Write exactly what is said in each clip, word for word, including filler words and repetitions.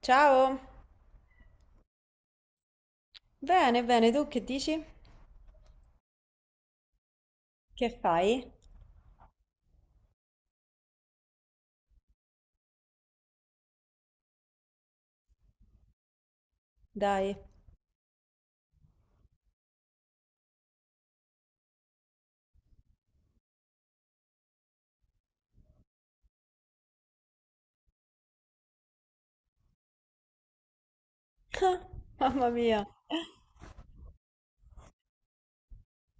Ciao! Bene, bene, tu che dici? Che fai? Dai, mamma mia.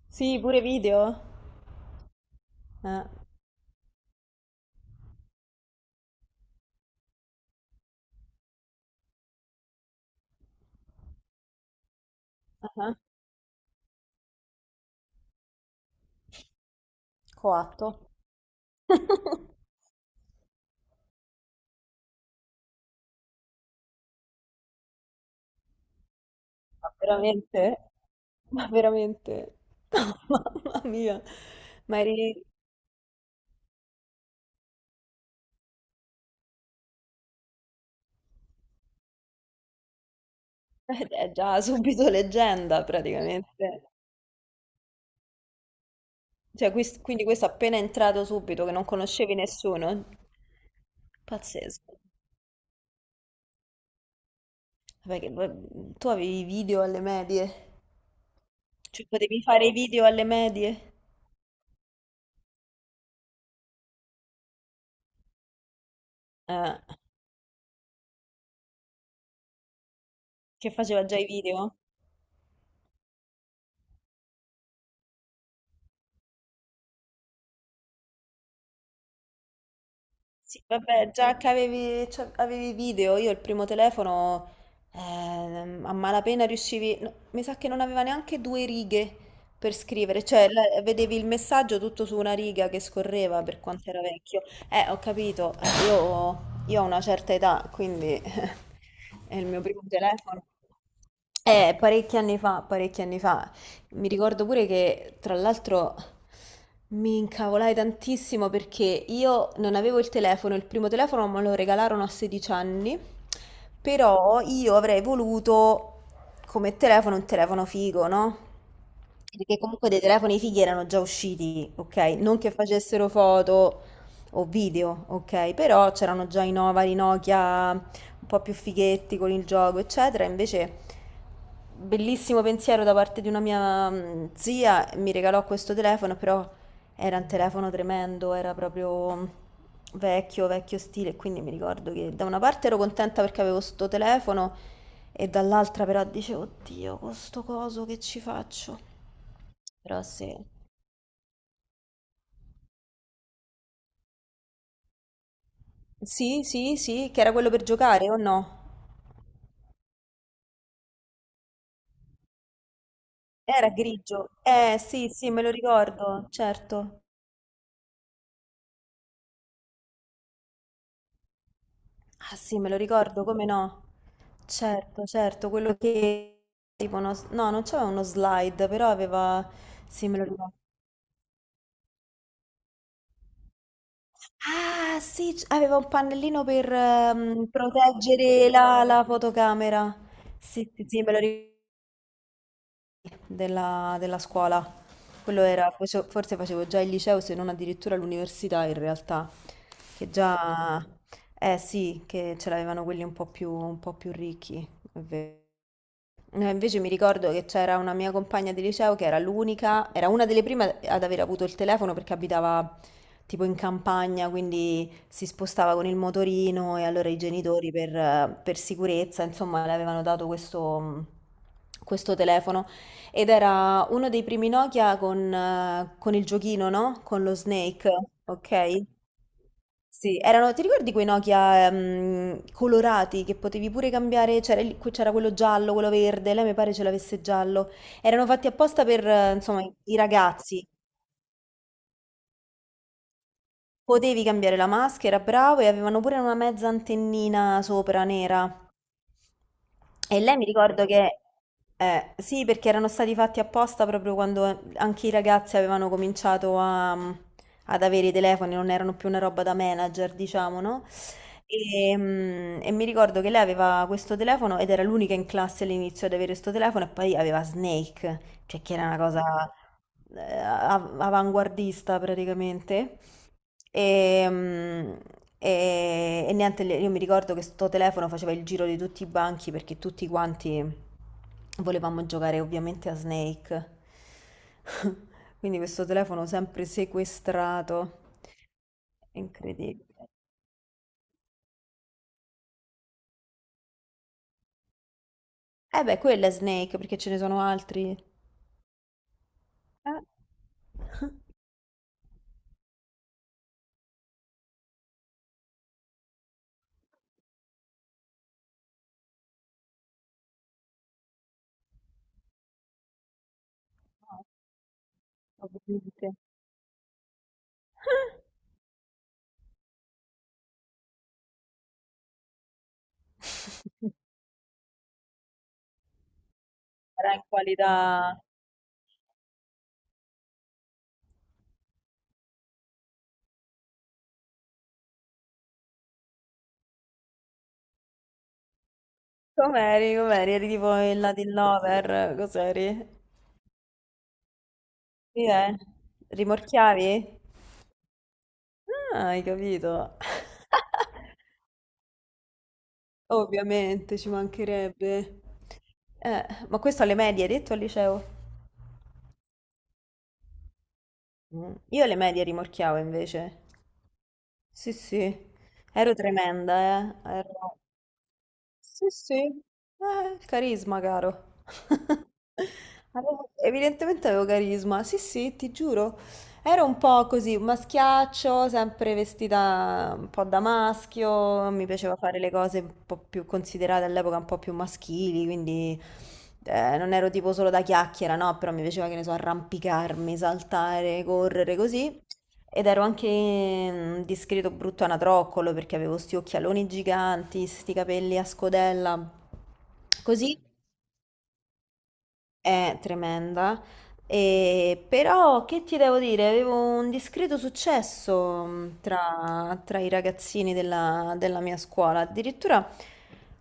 Sì, pure video? Eh, coatto. Ma veramente? Ma veramente? Mamma mia. Ma eri... eh, È già subito leggenda praticamente. Cioè, quis- quindi questo appena è entrato subito, che non conoscevi nessuno. Pazzesco. Vabbè, che poi- tu avevi i video alle medie? Cioè, potevi fare i video alle medie? Eh, che faceva già i video? Sì, vabbè, già che avevi, cioè, avevi i video, io il primo telefono ehm, a malapena riuscivi, no, mi sa che non aveva neanche due righe per scrivere, cioè la- vedevi il messaggio tutto su una riga che scorreva per quanto era vecchio. Eh, ho capito, eh, io, io ho una certa età, quindi è il mio primo telefono. Eh, parecchi anni fa, parecchi anni fa. Mi ricordo pure che, tra l'altro, mi incavolai tantissimo perché io non avevo il telefono, il primo telefono me lo regalarono a sedici anni, però io avrei voluto come telefono un telefono figo, no? Perché comunque dei telefoni fighi erano già usciti, ok? Non che facessero foto o video, ok? Però c'erano già i Nova, i Nokia, un po' più fighetti con il gioco, eccetera. Invece, bellissimo pensiero da parte di una mia mm, zia, mi regalò questo telefono, però era un telefono tremendo, era proprio vecchio, vecchio stile. Quindi mi ricordo che da una parte ero contenta perché avevo sto telefono e dall'altra però dicevo, oddio, con sto coso che ci faccio? Però sì. Sì, sì, sì, che era quello per giocare o no? Era grigio. Eh, sì, sì, me lo ricordo, certo. Ah, sì, me lo ricordo, come no? Certo, certo, quello che tipo uno... No, non c'aveva uno slide, però aveva... Sì, me lo ricordo. Ah, sì, c- aveva un pannellino per ehm, proteggere la, la fotocamera. Sì, sì, sì, me lo ricordo. della, della scuola. Quello era, face- forse facevo già il liceo, se non addirittura l'università in realtà, che già, eh sì, che ce l'avevano quelli un po' più, un po' più ricchi, è vero. Eh, Invece mi ricordo che c'era una mia compagna di liceo che era l'unica, era una delle prime ad aver avuto il telefono perché abitava tipo in campagna, quindi si spostava con il motorino e allora i genitori per, per sicurezza, insomma, le avevano dato questo, questo telefono ed era uno dei primi Nokia con, eh, con il giochino, no? Con lo Snake, ok? Sì, erano, ti ricordi quei Nokia ehm, colorati che potevi pure cambiare? C'era il- c'era quello giallo, quello verde, lei mi pare ce l'avesse giallo. Erano fatti apposta per, eh, insomma, i i ragazzi. Potevi cambiare la maschera, bravo, e avevano pure una mezza antennina sopra nera. E lei mi ricordo che, eh, sì, perché erano stati fatti apposta proprio quando anche i ragazzi avevano cominciato a- mm, ad avere i telefoni, non erano più una roba da manager, diciamo, no? E, mm, e mi ricordo che lei aveva questo telefono ed era l'unica in classe all'inizio ad avere questo telefono e poi aveva Snake, cioè che era una cosa eh, av- avanguardista praticamente. E, mm, e- e niente, le- io mi ricordo che sto telefono faceva il giro di tutti i banchi perché tutti quanti volevamo giocare ovviamente a Snake. Quindi questo telefono sempre sequestrato. È incredibile. Eh beh, quello è Snake perché ce ne sono altri. Eh? Ovviamente. Era in qualità. Com'eri? Com'eri? Eri tipo il Latin Lover? Cos'eri? Sì, eh. Rimorchiavi? Ah, hai capito. Ovviamente, ci mancherebbe. Eh, ma questo alle medie, hai detto al liceo? Mm. Io alle medie rimorchiavo invece. Sì, sì. Ero tremenda, eh. Ero... Sì, sì. Eh, il carisma, caro. Avevo... Evidentemente avevo carisma. Sì, sì, ti giuro. Ero un po' così, maschiaccio, sempre vestita un po' da maschio, mi piaceva fare le cose un po' più considerate all'epoca un po' più maschili, quindi eh, non ero tipo solo da chiacchiera, no, però mi piaceva che ne so, arrampicarmi, saltare, correre così. Ed ero anche un discreto brutto anatroccolo perché avevo sti occhialoni giganti, sti capelli a scodella. Così è tremenda. E però che ti devo dire? Avevo un discreto successo mh, tra, tra i ragazzini della, della mia scuola. Addirittura,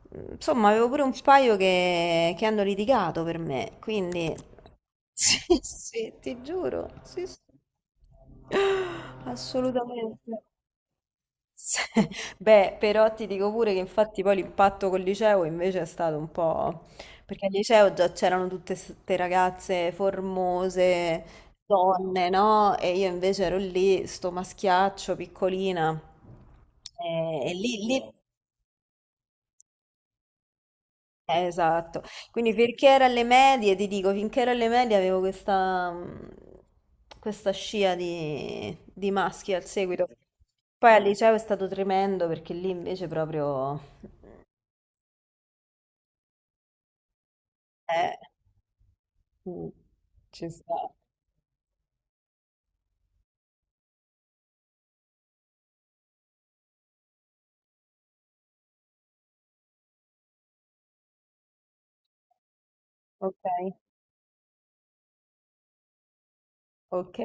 mh, insomma, avevo pure un paio che, che hanno litigato per me, quindi sì, sì, ti giuro, sì, sì, assolutamente. Beh, però ti dico pure che infatti poi l'impatto col liceo invece è stato un po'... perché al liceo già c'erano tutte queste ragazze formose, donne, no? E io invece ero lì, sto maschiaccio, piccolina. E, e lì, lì... eh, esatto. Quindi finché era alle medie, ti dico, finché ero alle medie avevo questa, mh, questa scia di, di maschi al seguito. Poi al liceo è stato tremendo perché lì invece proprio... Eh, mm, ci sta. Ok, ok.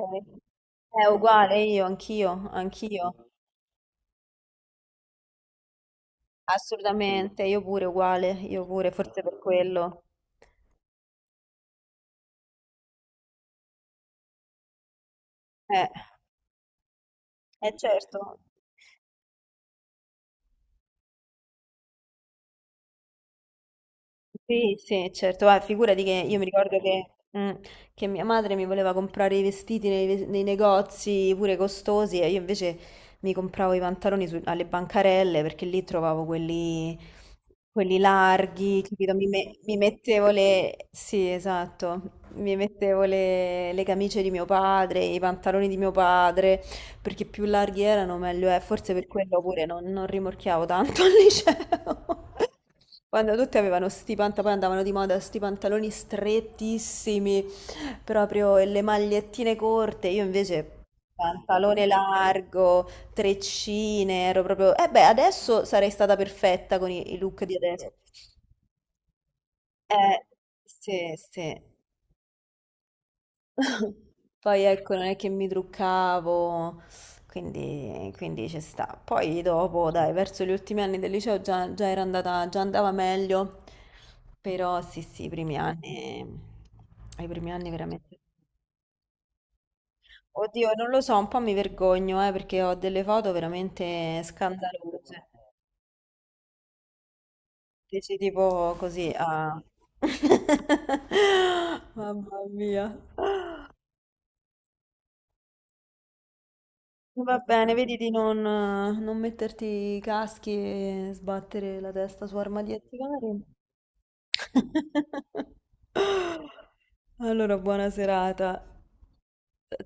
È uguale io, anch'io, anch'io. Assolutamente, io pure uguale, io pure, forse per quello. Eh, eh certo. Sì, sì, certo, guarda, figurati che io mi ricordo che, mm, che mia madre mi voleva comprare i vestiti nei, ves- nei negozi pure costosi e io invece mi compravo i pantaloni su- alle bancarelle perché lì trovavo quelli, quelli larghi, capito? Mi, me- mi mettevo le... Sì, esatto, mi mettevo le, le camicie di mio padre, i pantaloni di mio padre perché più larghi erano, meglio è. Forse per quello pure non, non rimorchiavo tanto al liceo. Quando tutti avevano sti pantaloni, poi andavano di moda sti pantaloni strettissimi, proprio e le magliettine corte. Io invece pantalone largo, treccine, ero proprio... Eh beh, adesso sarei stata perfetta con i, i look di adesso. Eh, sì, sì. Poi ecco, non è che mi truccavo, quindi, quindi ci sta. Poi dopo, dai, verso gli ultimi anni del liceo già, già era andata, già andava meglio, però sì, sì, i primi anni, i primi anni veramente... Oddio, non lo so, un po' mi vergogno, eh, perché ho delle foto veramente scandalose. Dici tipo così, ah... Mamma mia. Va bene, vedi di non, non metterti i caschi e sbattere la testa su armadietti vari. Allora, buona serata. Ciao.